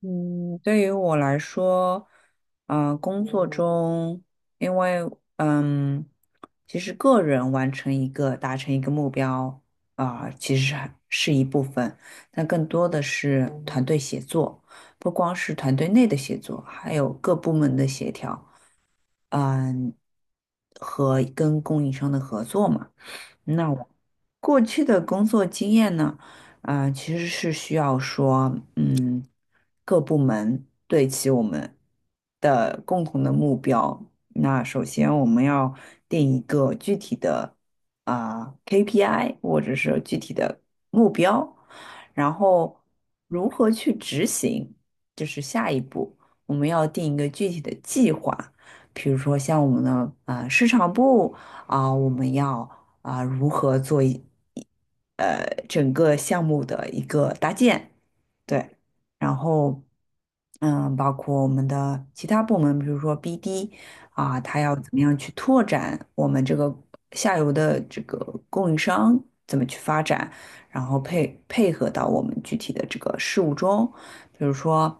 嗯，对于我来说，工作中，因为嗯，其实个人完成一个达成一个目标，其实还是一部分，但更多的是团队协作，不光是团队内的协作，还有各部门的协调，嗯，和跟供应商的合作嘛。那我过去的工作经验呢，其实是需要说，各部门对齐我们的共同的目标。那首先我们要定一个具体的KPI 或者是具体的目标，然后如何去执行，就是下一步，我们要定一个具体的计划。比如说像我们的市场部我们要。如何做整个项目的一个搭建，对，然后包括我们的其他部门，比如说 BD 他要怎么样去拓展我们这个下游的这个供应商怎么去发展，然后配合到我们具体的这个事务中，比如说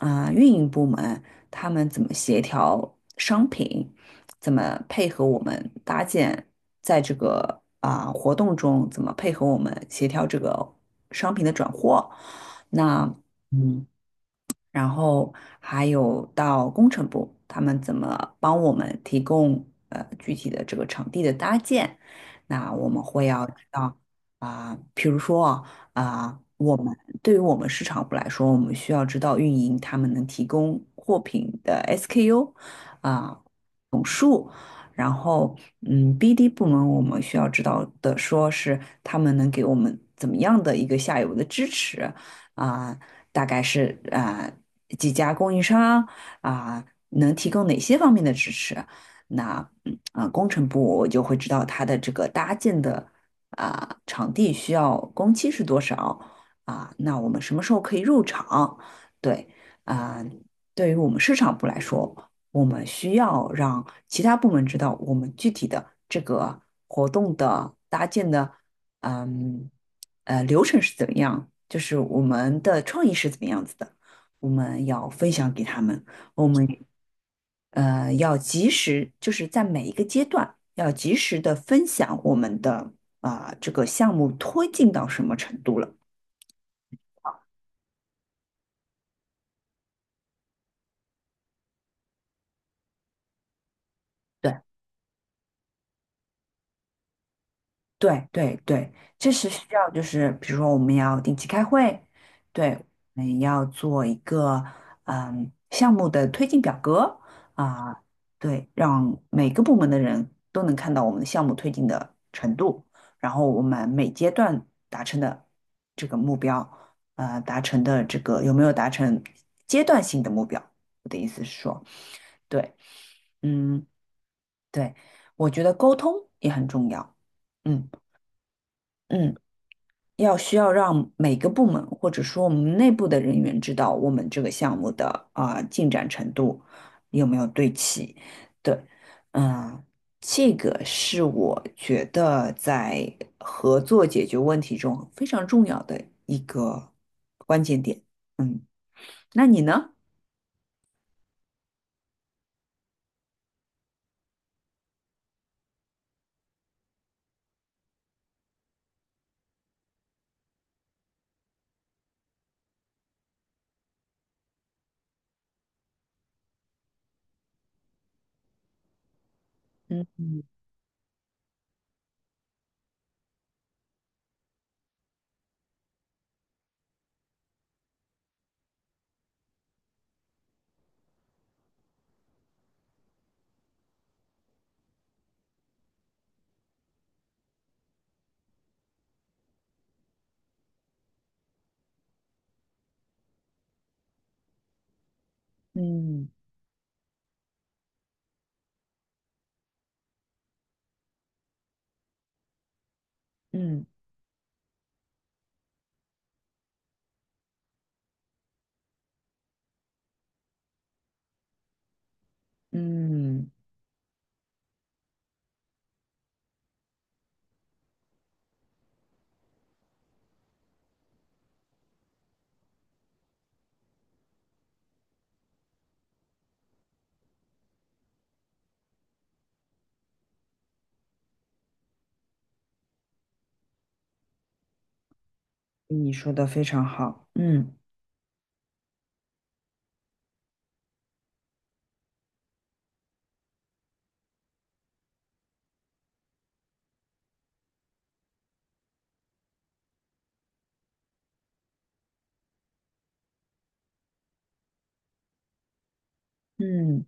运营部门。他们怎么协调商品，怎么配合我们搭建，在这个活动中怎么配合我们协调这个商品的转货。那嗯，然后还有到工程部，他们怎么帮我们提供具体的这个场地的搭建，那我们会要知道啊，比如说啊，啊我们对于我们市场部来说，我们需要知道运营他们能提供货品的 SKU 啊总数。然后，BD 部门我们需要知道的，说是他们能给我们怎么样的一个下游的支持，啊、大概是几家供应商啊、能提供哪些方面的支持。那工程部我就会知道它的这个搭建的场地需要工期是多少那我们什么时候可以入场？对啊、对于我们市场部来说，我们需要让其他部门知道我们具体的这个活动的搭建的嗯流程是怎么样，就是我们的创意是怎么样子的，我们要分享给他们，我们要及时，就是在每一个阶段要及时的分享我们的这个项目推进到什么程度了。对。对对对，这是需要，就是比如说我们要定期开会，对，我们要做一个项目的推进表格啊，对，让每个部门的人都能看到我们的项目推进的程度，然后我们每阶段达成的这个目标，呃，达成的这个有没有达成阶段性的目标？我的意思是说，对，嗯，对，我觉得沟通也很重要，嗯嗯。要需要让每个部门或者说我们内部的人员知道我们这个项目的进展程度有没有对齐。对，嗯，这个是我觉得在合作解决问题中非常重要的一个关键点。嗯，那你呢？嗯嗯嗯嗯嗯，你说的非常好。嗯嗯。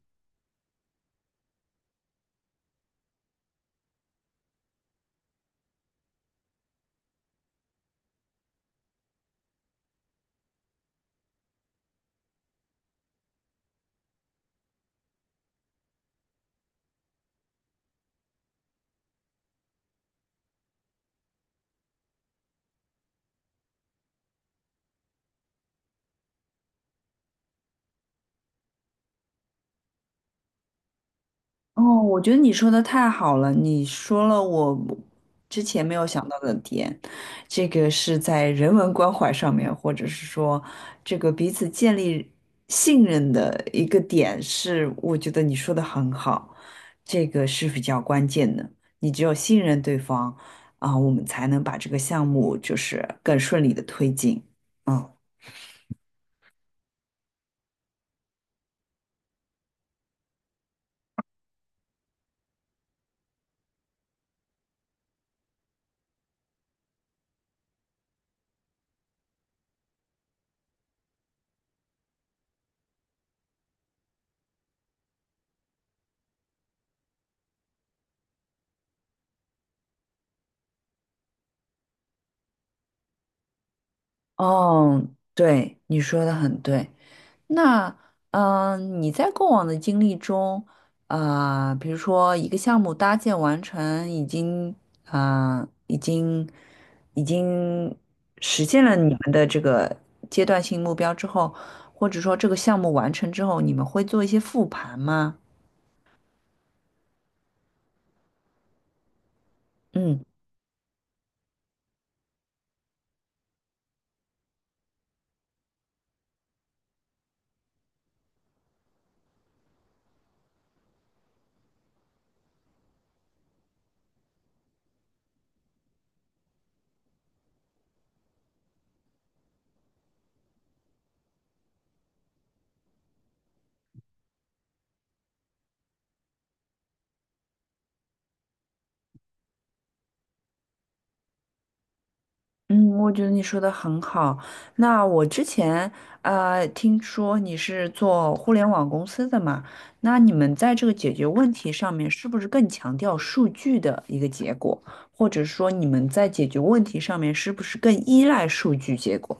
哦，我觉得你说的太好了，你说了我之前没有想到的点，这个是在人文关怀上面，或者是说这个彼此建立信任的一个点是，我觉得你说的很好，这个是比较关键的。你只有信任对方,我们才能把这个项目就是更顺利的推进。嗯，哦，对，你说的很对。那嗯、你在过往的经历中，比如说一个项目搭建完成，已经啊、呃已经已经实现了你们的这个阶段性目标之后，或者说这个项目完成之后，你们会做一些复盘吗？嗯。嗯，我觉得你说的很好。那我之前听说你是做互联网公司的嘛，那你们在这个解决问题上面是不是更强调数据的一个结果，或者说你们在解决问题上面是不是更依赖数据结果？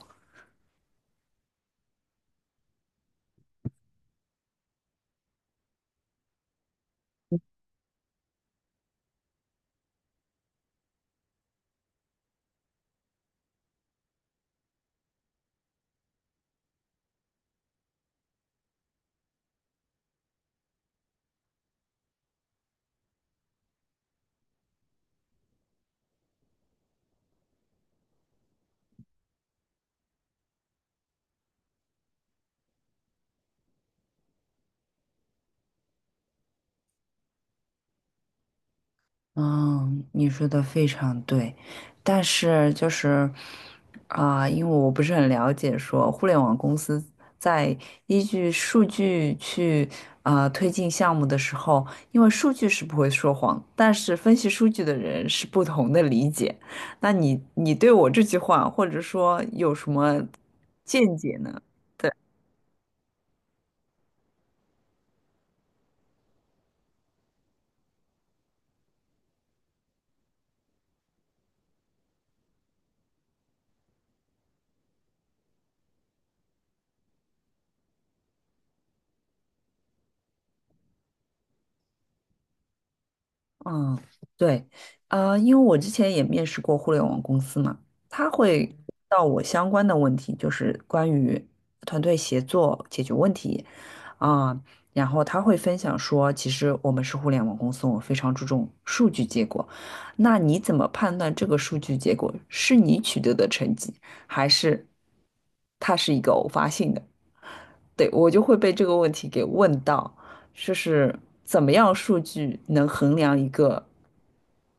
嗯，你说的非常对，但是就是因为我不是很了解说互联网公司在依据数据去推进项目的时候，因为数据是不会说谎，但是分析数据的人是不同的理解。那你对我这句话，或者说有什么见解呢？对。嗯，对，因为我之前也面试过互联网公司嘛，他会问到我相关的问题，就是关于团队协作解决问题，啊、然后他会分享说，其实我们是互联网公司，我们非常注重数据结果。那你怎么判断这个数据结果是你取得的成绩，还是它是一个偶发性的？对，我就会被这个问题给问到，就是怎么样数据能衡量一个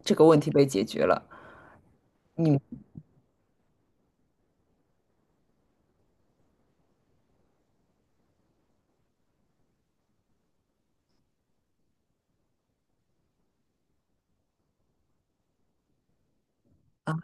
这个问题被解决了啊？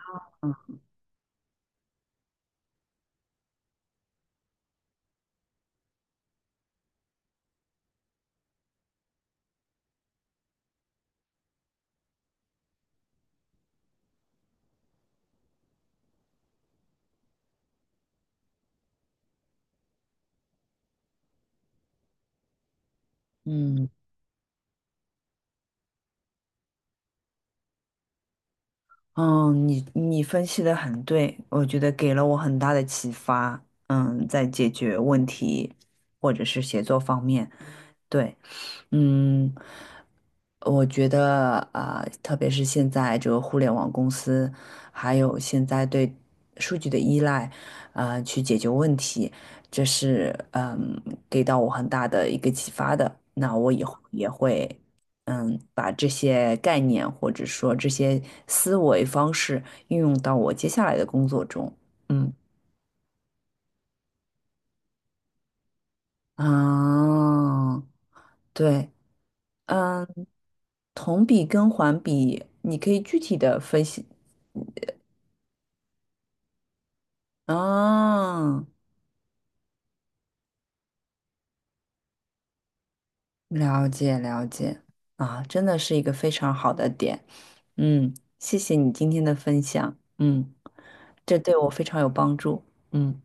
嗯嗯，你你分析的很对，我觉得给了我很大的启发。嗯，在解决问题或者是写作方面，对。嗯，我觉得特别是现在这个互联网公司，还有现在对数据的依赖，去解决问题，这是给到我很大的一个启发的。那我以后也会把这些概念或者说这些思维方式运用到我接下来的工作中。嗯啊，对，嗯。同比跟环比，你可以具体的分析。啊，了解了解，啊，真的是一个非常好的点。嗯，谢谢你今天的分享。嗯，这对我非常有帮助。嗯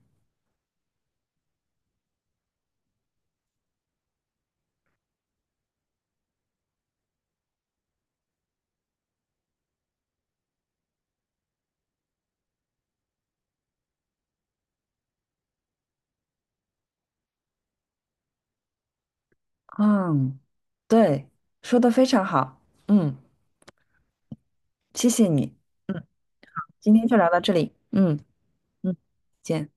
嗯，对，说的非常好。嗯，谢谢你。嗯，今天就聊到这里。嗯嗯，见。